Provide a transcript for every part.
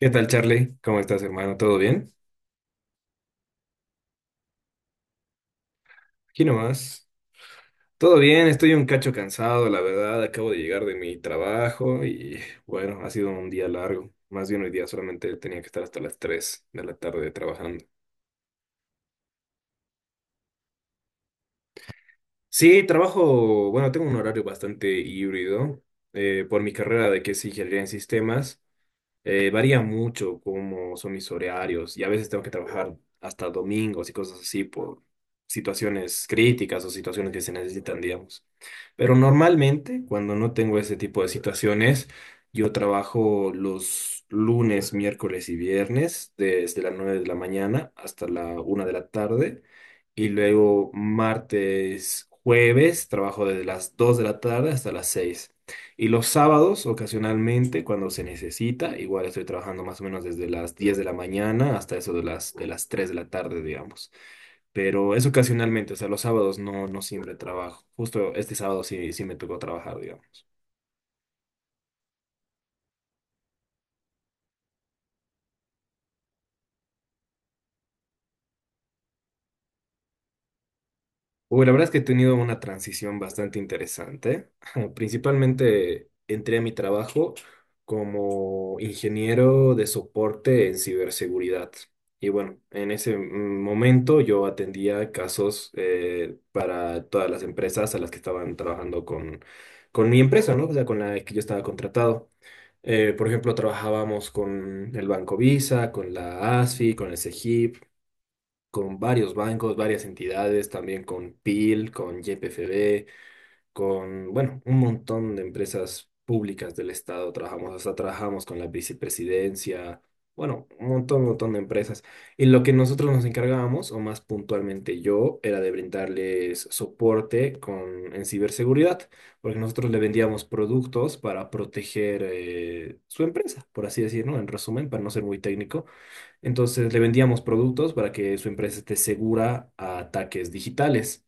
¿Qué tal, Charlie? ¿Cómo estás, hermano? ¿Todo bien? Aquí nomás. Todo bien, estoy un cacho cansado, la verdad. Acabo de llegar de mi trabajo y bueno, ha sido un día largo. Más bien hoy día solamente tenía que estar hasta las 3 de la tarde trabajando. Sí, trabajo, bueno, tengo un horario bastante híbrido. Por mi carrera de que es ingeniería en sistemas, varía mucho cómo son mis horarios y a veces tengo que trabajar hasta domingos y cosas así por situaciones críticas o situaciones que se necesitan, digamos. Pero normalmente, cuando no tengo ese tipo de situaciones, yo trabajo los lunes, miércoles y viernes desde las 9 de la mañana hasta la 1 de la tarde. Y luego martes, jueves, trabajo desde las 2 de la tarde hasta las 6. Y los sábados, ocasionalmente, cuando se necesita, igual estoy trabajando más o menos desde las 10 de la mañana hasta eso de las 3 de la tarde, digamos, pero es ocasionalmente, o sea, los sábados no, no siempre trabajo. Justo este sábado sí, sí me tocó trabajar, digamos. Uy, la verdad es que he tenido una transición bastante interesante. Principalmente entré a mi trabajo como ingeniero de soporte en ciberseguridad. Y bueno, en ese momento yo atendía casos para todas las empresas a las que estaban trabajando con mi empresa, ¿no? O sea, con la que yo estaba contratado. Por ejemplo, trabajábamos con el Banco Visa, con la ASFI, con el CEGIP, con varios bancos, varias entidades, también con PIL, con YPFB con, bueno, un montón de empresas públicas del Estado trabajamos, hasta trabajamos con la vicepresidencia, bueno, un montón, montón de empresas. Y lo que nosotros nos encargábamos, o más puntualmente yo, era de brindarles soporte en ciberseguridad, porque nosotros le vendíamos productos para proteger su empresa, por así decirlo, en resumen, para no ser muy técnico. Entonces le vendíamos productos para que su empresa esté segura a ataques digitales.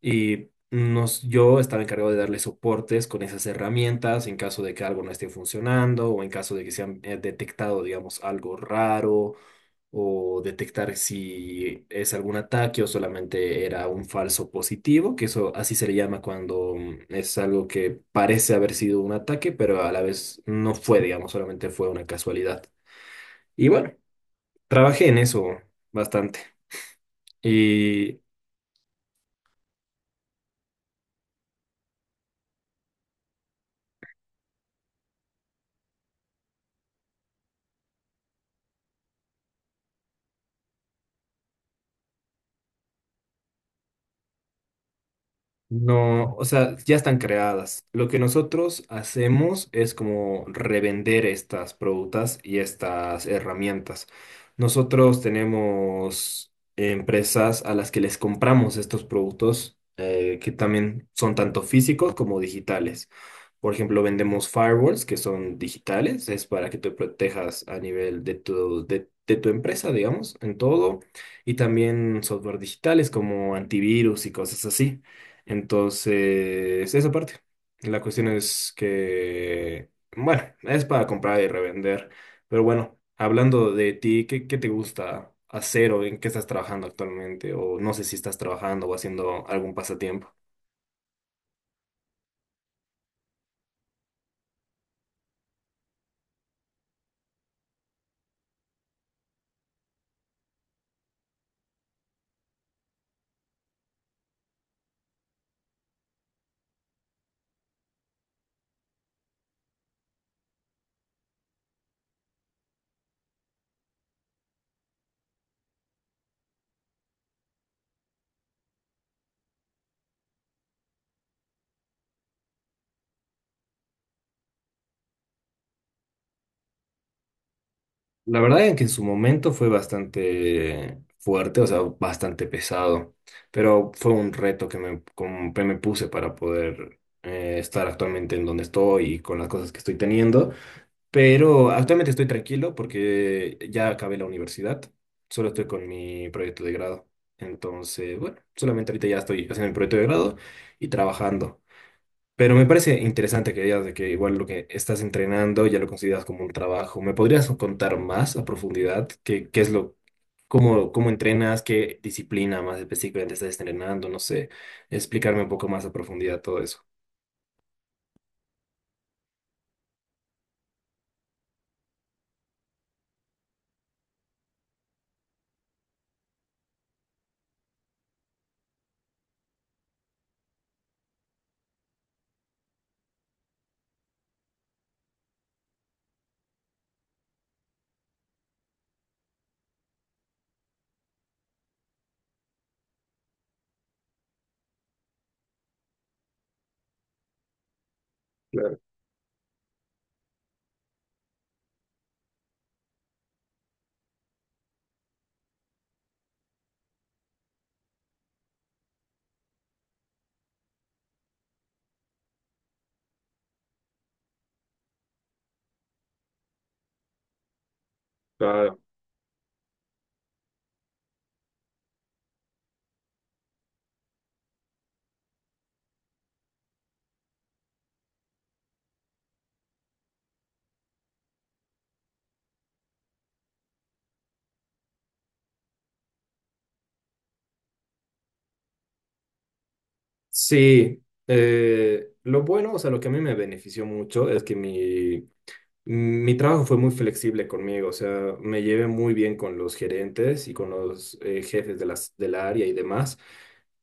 Y yo estaba encargado de darle soportes con esas herramientas en caso de que algo no esté funcionando o en caso de que se han detectado, digamos, algo raro o detectar si es algún ataque o solamente era un falso positivo, que eso así se le llama cuando es algo que parece haber sido un ataque, pero a la vez no fue, digamos, solamente fue una casualidad. Y bueno, trabajé en eso bastante. Y No, o sea, ya están creadas. Lo que nosotros hacemos es como revender estas productas y estas herramientas. Nosotros tenemos empresas a las que les compramos estos productos que también son tanto físicos como digitales. Por ejemplo, vendemos firewalls que son digitales, es para que te protejas a nivel de de tu empresa, digamos, en todo, y también software digitales como antivirus y cosas así. Entonces, esa parte. La cuestión es que, bueno, es para comprar y revender. Pero bueno, hablando de ti, ¿qué te gusta hacer o en qué estás trabajando actualmente? O no sé si estás trabajando o haciendo algún pasatiempo. La verdad es que en su momento fue bastante fuerte, o sea, bastante pesado, pero fue un reto que como que me puse para poder estar actualmente en donde estoy y con las cosas que estoy teniendo. Pero actualmente estoy tranquilo porque ya acabé la universidad, solo estoy con mi proyecto de grado. Entonces, bueno, solamente ahorita ya estoy haciendo mi proyecto de grado y trabajando. Pero me parece interesante que digas de que igual lo que estás entrenando ya lo consideras como un trabajo. ¿Me podrías contar más a profundidad qué, qué es lo, cómo, cómo entrenas, qué disciplina más específicamente estás entrenando? No sé, explicarme un poco más a profundidad todo eso. Claro, claro. Sí, lo bueno, o sea, lo que a mí me benefició mucho es que mi trabajo fue muy flexible conmigo, o sea, me llevé muy bien con los gerentes y con los jefes del área y demás.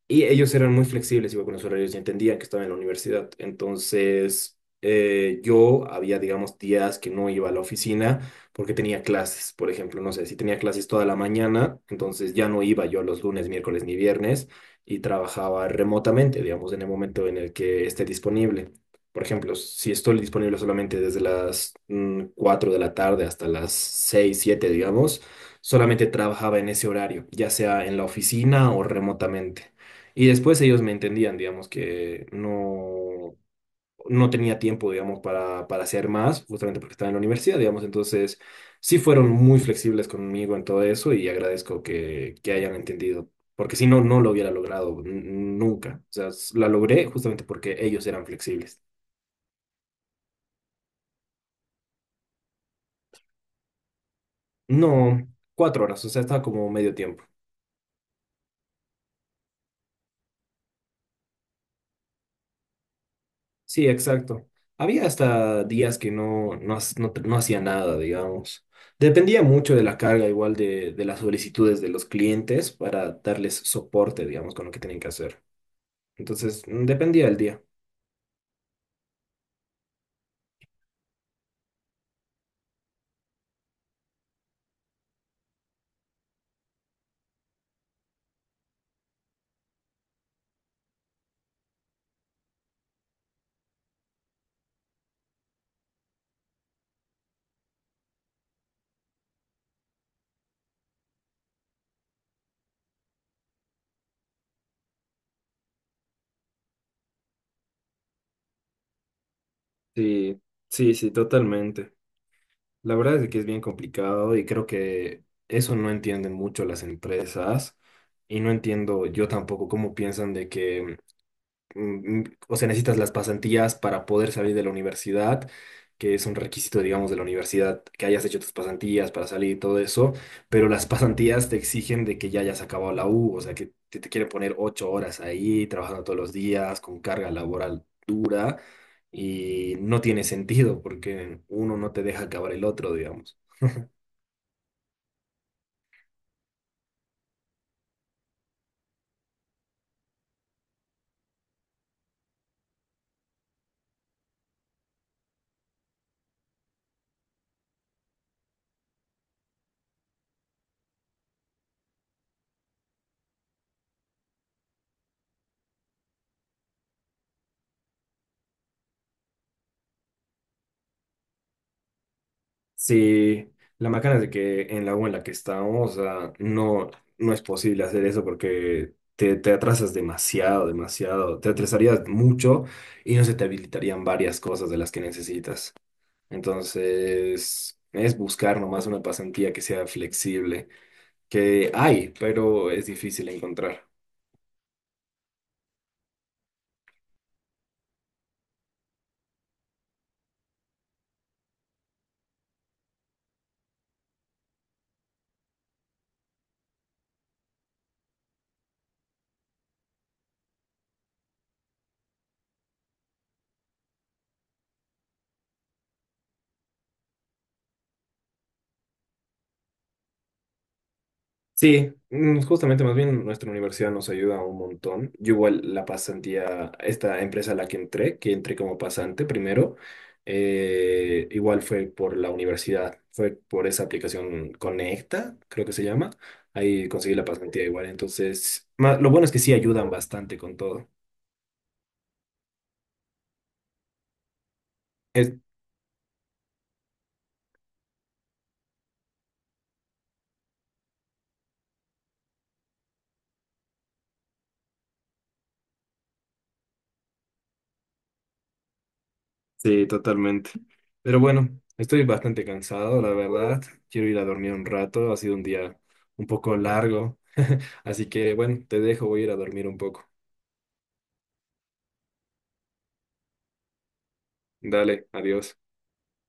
Y ellos eran muy flexibles igual con los horarios y entendían que estaba en la universidad. Entonces, yo había, digamos, días que no iba a la oficina porque tenía clases, por ejemplo, no sé, si tenía clases toda la mañana, entonces ya no iba yo los lunes, miércoles ni viernes y trabajaba remotamente, digamos, en el momento en el que esté disponible. Por ejemplo, si estoy disponible solamente desde las 4 de la tarde hasta las 6 7 digamos, solamente trabajaba en ese horario, ya sea en la oficina o remotamente. Y después ellos me entendían, digamos, que no, no tenía tiempo, digamos, para, hacer más, justamente porque estaba en la universidad, digamos. Entonces, sí fueron muy flexibles conmigo en todo eso y agradezco que, hayan entendido, porque si no, no lo hubiera logrado nunca. O sea, la logré justamente porque ellos eran flexibles. No, 4 horas, o sea, estaba como medio tiempo. Sí, exacto. Había hasta días que no hacía nada, digamos. Dependía mucho de la carga, igual de las solicitudes de los clientes para darles soporte, digamos, con lo que tienen que hacer. Entonces, dependía del día. Sí, sí, sí, totalmente. La verdad es que es bien complicado y creo que eso no entienden mucho las empresas y no entiendo yo tampoco cómo piensan de que o sea, necesitas las pasantías para poder salir de la universidad, que es un requisito, digamos, de la universidad, que hayas hecho tus pasantías para salir y todo eso, pero las pasantías te exigen de que ya hayas acabado la U, o sea, que te, quieren poner 8 horas ahí, trabajando todos los días, con carga laboral dura, y no tiene sentido porque uno no te deja acabar el otro, digamos. Sí, la macana es de que en la U en la que estamos, o sea, no, no es posible hacer eso porque te, atrasas demasiado, demasiado, te atrasarías mucho y no se te habilitarían varias cosas de las que necesitas. Entonces, es buscar nomás una pasantía que sea flexible, que hay, pero es difícil encontrar. Sí, justamente más bien nuestra universidad nos ayuda un montón. Yo igual la pasantía, esta empresa a la que entré como pasante primero, igual fue por la universidad, fue por esa aplicación Conecta, creo que se llama. Ahí conseguí la pasantía igual. Entonces, lo bueno es que sí ayudan bastante con todo. Sí, totalmente. Pero bueno, estoy bastante cansado, la verdad. Quiero ir a dormir un rato. Ha sido un día un poco largo. Así que bueno, te dejo, voy a ir a dormir un poco. Dale, adiós.